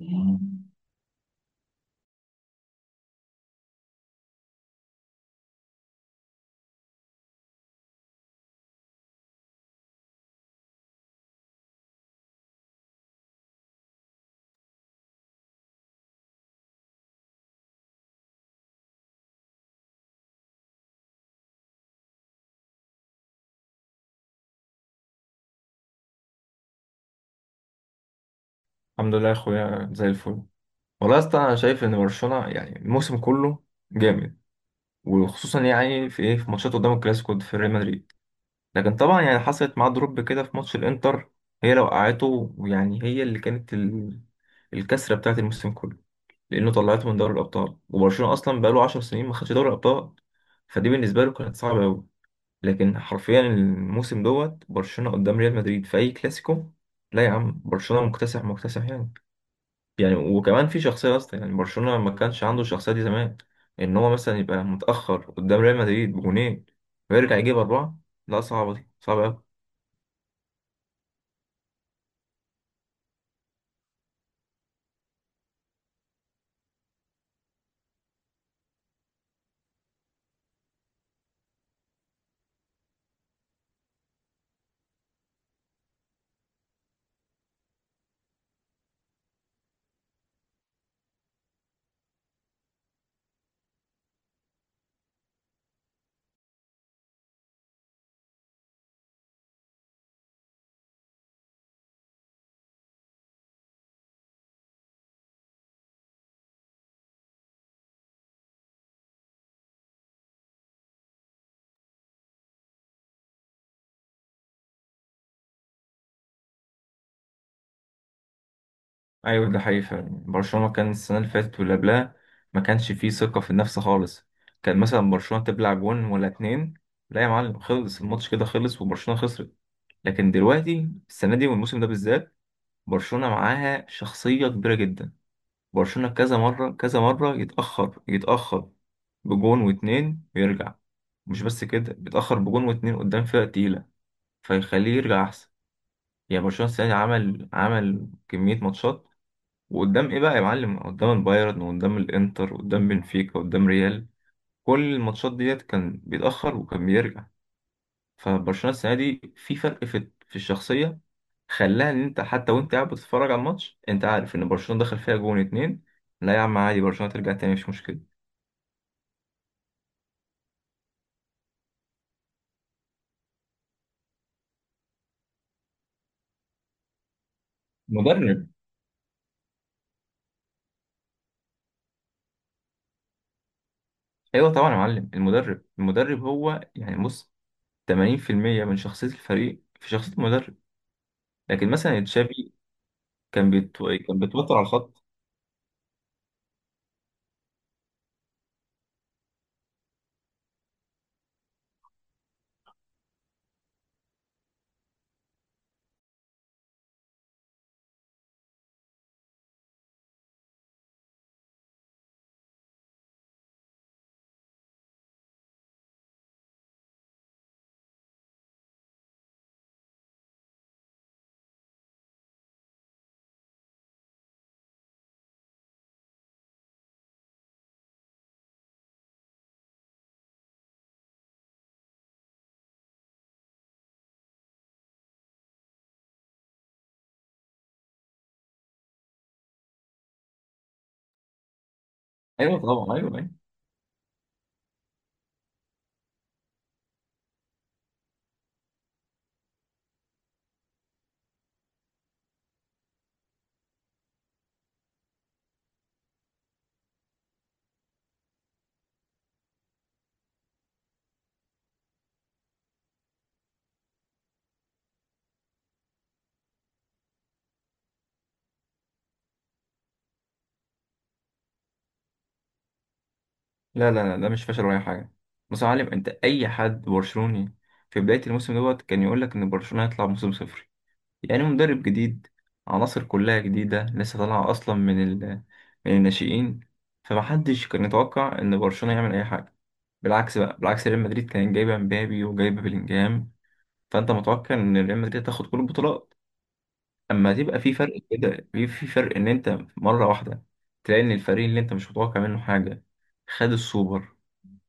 الحمد لله يا اخويا زي الفل. والله يا اسطى انا شايف ان برشلونه يعني الموسم كله جامد، وخصوصا يعني في ايه في ماتشات قدام الكلاسيكو في ريال مدريد. لكن طبعا يعني حصلت معاه دروب كده في ماتش الانتر، هي لو وقعته يعني هي اللي كانت الكسره بتاعت الموسم كله، لانه طلعته من دوري الابطال وبرشلونه اصلا بقاله 10 سنين ما خدش دوري الابطال، فدي بالنسبه له كانت صعبه قوي. لكن حرفيا الموسم دوت برشلونه قدام ريال مدريد في اي كلاسيكو، لا يا عم برشلونه مكتسح مكتسح يعني. يعني وكمان في شخصية أصلا، يعني برشلونة ما كانش عنده الشخصية دي زمان، إن هو مثلا يبقى متأخر قدام ريال مدريد بجونين ويرجع يجيب أربعة، لا صعبة دي، صعبة أوي. أيوة ده حقيقي فعلا، برشلونة كان السنة اللي فاتت واللي قبلها ما كانش فيه ثقة في النفس خالص. كان مثلا برشلونة تبلع جون ولا اتنين، لا يا معلم خلص الماتش كده، خلص وبرشلونة خسرت. لكن دلوقتي السنة دي والموسم ده بالذات، برشلونة معاها شخصية كبيرة جدا. برشلونة كذا مرة كذا مرة يتأخر يتأخر بجون واتنين ويرجع، مش بس كده، بيتأخر بجون واتنين قدام فرقة تقيلة فيخليه يرجع أحسن. يعني برشلونة السنة دي عمل كمية ماتشات، وقدام إيه بقى يا معلم، قدام البايرن وقدام الإنتر وقدام بنفيكا وقدام ريال، كل الماتشات ديت كان بيتأخر وكان بيرجع. فبرشلونة السنة دي في فرق في الشخصية، خلاها إن أنت حتى وأنت قاعد بتتفرج على الماتش أنت عارف إن برشلونة دخل فيها جون اتنين، لا يا عم عادي، برشلونة ترجع تاني مش مشكلة. مدرب. ايوه طبعا يا معلم، المدرب هو يعني بص، 80% من شخصيه الفريق في شخصيه المدرب. لكن مثلا تشافي كان كان بيتوتر على الخط. ايوه طبعا، ايوه ايوه. لا لا لا، ده مش فشل ولا اي حاجه. بص يا معلم، انت اي حد برشلوني في بدايه الموسم دوت كان يقول لك ان برشلونه هيطلع موسم صفري، يعني مدرب جديد، عناصر كلها جديده لسه طالعه اصلا من من الناشئين، فمحدش كان يتوقع ان برشلونه يعمل اي حاجه. بالعكس ريال مدريد كان جايبه مبابي وجايبه بلينجهام، فانت متوقع ان ريال مدريد تاخد كل البطولات. اما تبقى في فرق كده، في في فرق ان انت مره واحده تلاقي ان الفريق اللي انت مش متوقع منه حاجه خد السوبر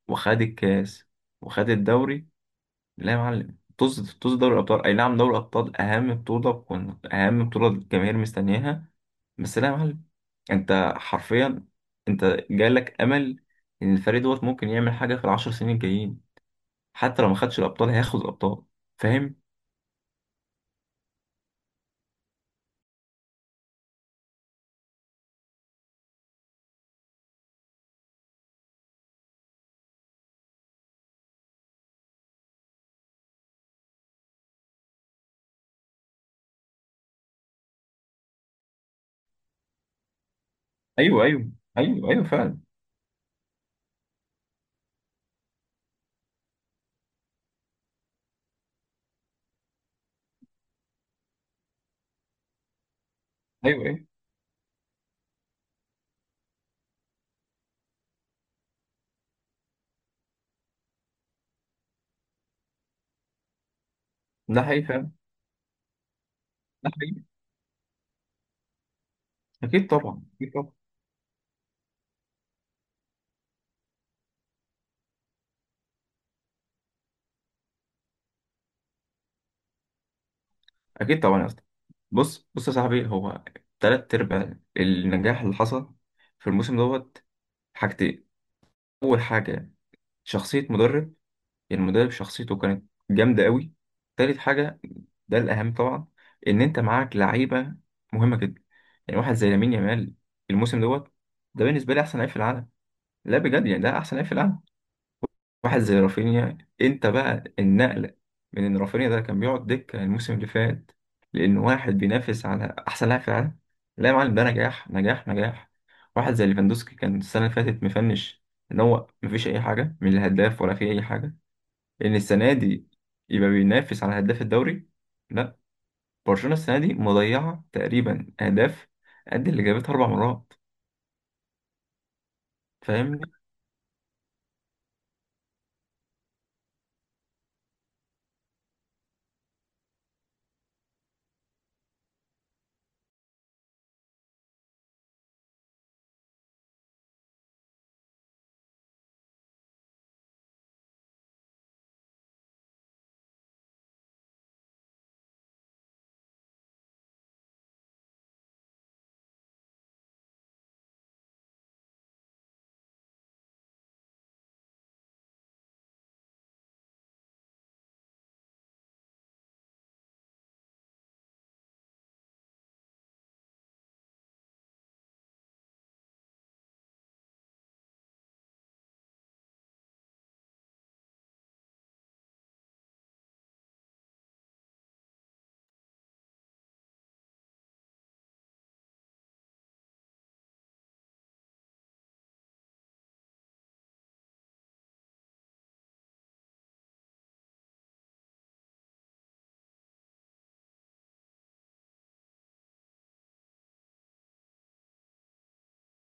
وخد الكاس وخد الدوري، لا يا معلم طز طز. دوري الابطال اي نعم دوري الابطال اهم بطوله، اهم بطوله الجماهير مستنياها، بس لا يا معلم، انت حرفيا انت جالك امل ان الفريق دوت ممكن يعمل حاجه في العشر سنين الجايين، حتى لو ما خدش الابطال هياخد الابطال، فاهم. ايوه ايوه ايوه ايوه فعلا، ايوه ايوه. ده حقيقي فعلا. ده حقيقي. اكيد طبعا، اكيد طبعا. اكيد طبعا يا اسطى. بص بص يا صاحبي، هو تلات ارباع النجاح اللي حصل في الموسم دوت حاجتين. اول حاجه شخصيه مدرب، يعني المدرب شخصيته كانت جامده قوي. تالت حاجه، ده الاهم طبعا، ان انت معاك لعيبه مهمه جدا، يعني واحد زي لامين يامال الموسم دوت ده بالنسبه لي احسن لعيب في العالم، لا بجد، يعني ده احسن لعيب في العالم. واحد زي رافينيا، انت بقى النقله من ان رافينيا ده كان بيقعد دكه الموسم اللي فات، لان واحد بينافس على احسن لاعب في العالم، لا يا معلم ده نجاح نجاح نجاح. واحد زي ليفاندوسكي كان السنه اللي فاتت مفنش، ان هو مفيش اي حاجه من الهداف ولا في اي حاجه، ان السنه دي يبقى بينافس على هداف الدوري، لا. برشلونه السنه دي مضيعه تقريبا اهداف قد اللي جابتها اربع مرات، فاهمني.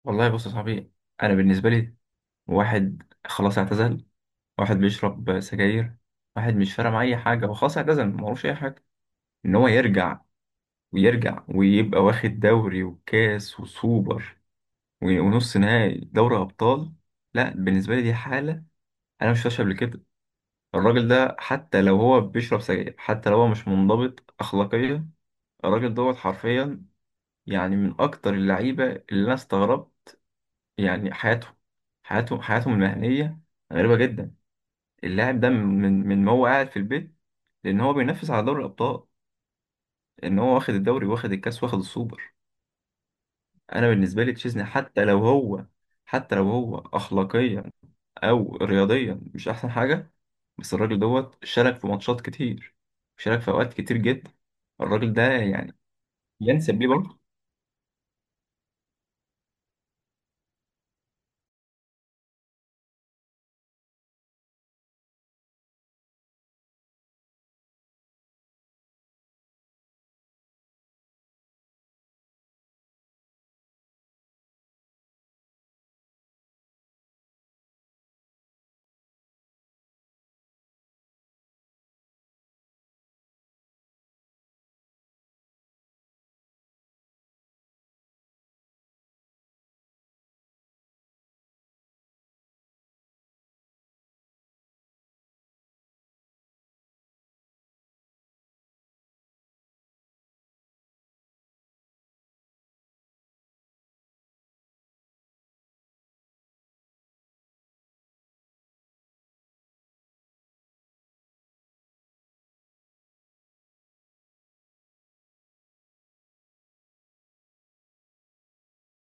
والله بص يا صاحبي، انا بالنسبه لي، واحد خلاص اعتزل، واحد بيشرب سجاير، واحد مش فارق معاه اي حاجه، هو خلاص اعتزل معهوش اي حاجه، ان هو يرجع ويرجع ويبقى واخد دوري وكاس وسوبر ونص نهائي دوري ابطال، لا بالنسبه لي دي حاله انا مش شفتهاش قبل كده. الراجل ده حتى لو هو بيشرب سجاير، حتى لو هو مش منضبط اخلاقيا، الراجل دوت حرفيا، يعني من اكتر اللعيبه اللي انا استغربت يعني حياتهم، حياتهم المهنيه غريبه جدا. اللاعب ده من ما هو قاعد في البيت، لان هو بينافس على دوري الابطال، ان هو واخد الدوري واخد الكاس واخد السوبر. انا بالنسبه لي تشيزني، حتى لو هو اخلاقيا او رياضيا مش احسن حاجه، بس الراجل دوت شارك في ماتشات كتير، شارك في اوقات كتير جدا، الراجل ده يعني ينسب ليه برضه.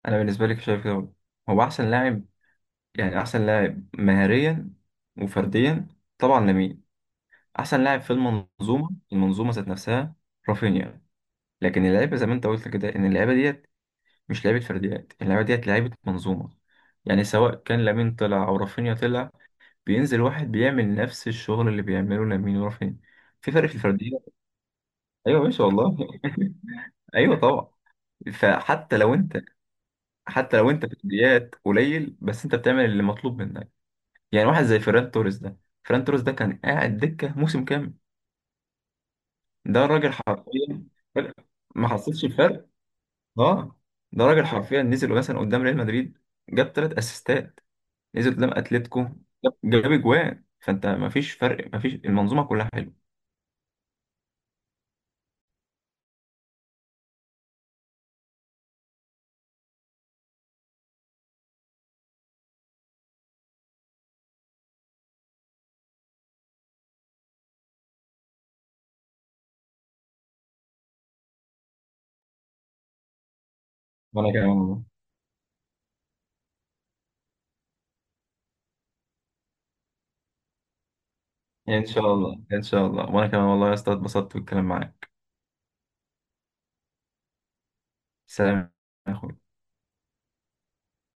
انا بالنسبه لي شايف كده برضه. هو احسن لاعب، يعني احسن لاعب مهاريا وفرديا طبعا لامين. احسن لاعب في المنظومه، المنظومه ذات نفسها رافينيا. لكن اللعيبه زي ما انت قلت كده، ان اللعيبه ديت مش لعيبه فرديات، اللعيبه ديت لعيبه منظومه، يعني سواء كان لامين طلع او رافينيا طلع، بينزل واحد بيعمل نفس الشغل اللي بيعمله لامين ورافينيا. في فرق في الفرديات. ايوه ماشي والله. ايوه طبعا. فحتى لو انت، حتى لو انت فرديات قليل، بس انت بتعمل اللي مطلوب منك، يعني واحد زي فيران توريس ده، فيران توريس ده كان قاعد دكه موسم كامل. ده راجل حرفيا ما حصلش فرق، اه. ده راجل حرفيا نزل مثلا قدام ريال مدريد جاب ثلاث اسيستات، نزل قدام اتلتيكو جاب اجوان، فانت ما فيش فرق، ما فيش، المنظومه كلها حلوه. وانا كمان والله. ان شاء الله ان شاء الله، وانا كمان والله يا اسطى اتبسطت بالكلام معاك. سلام يا اخوي.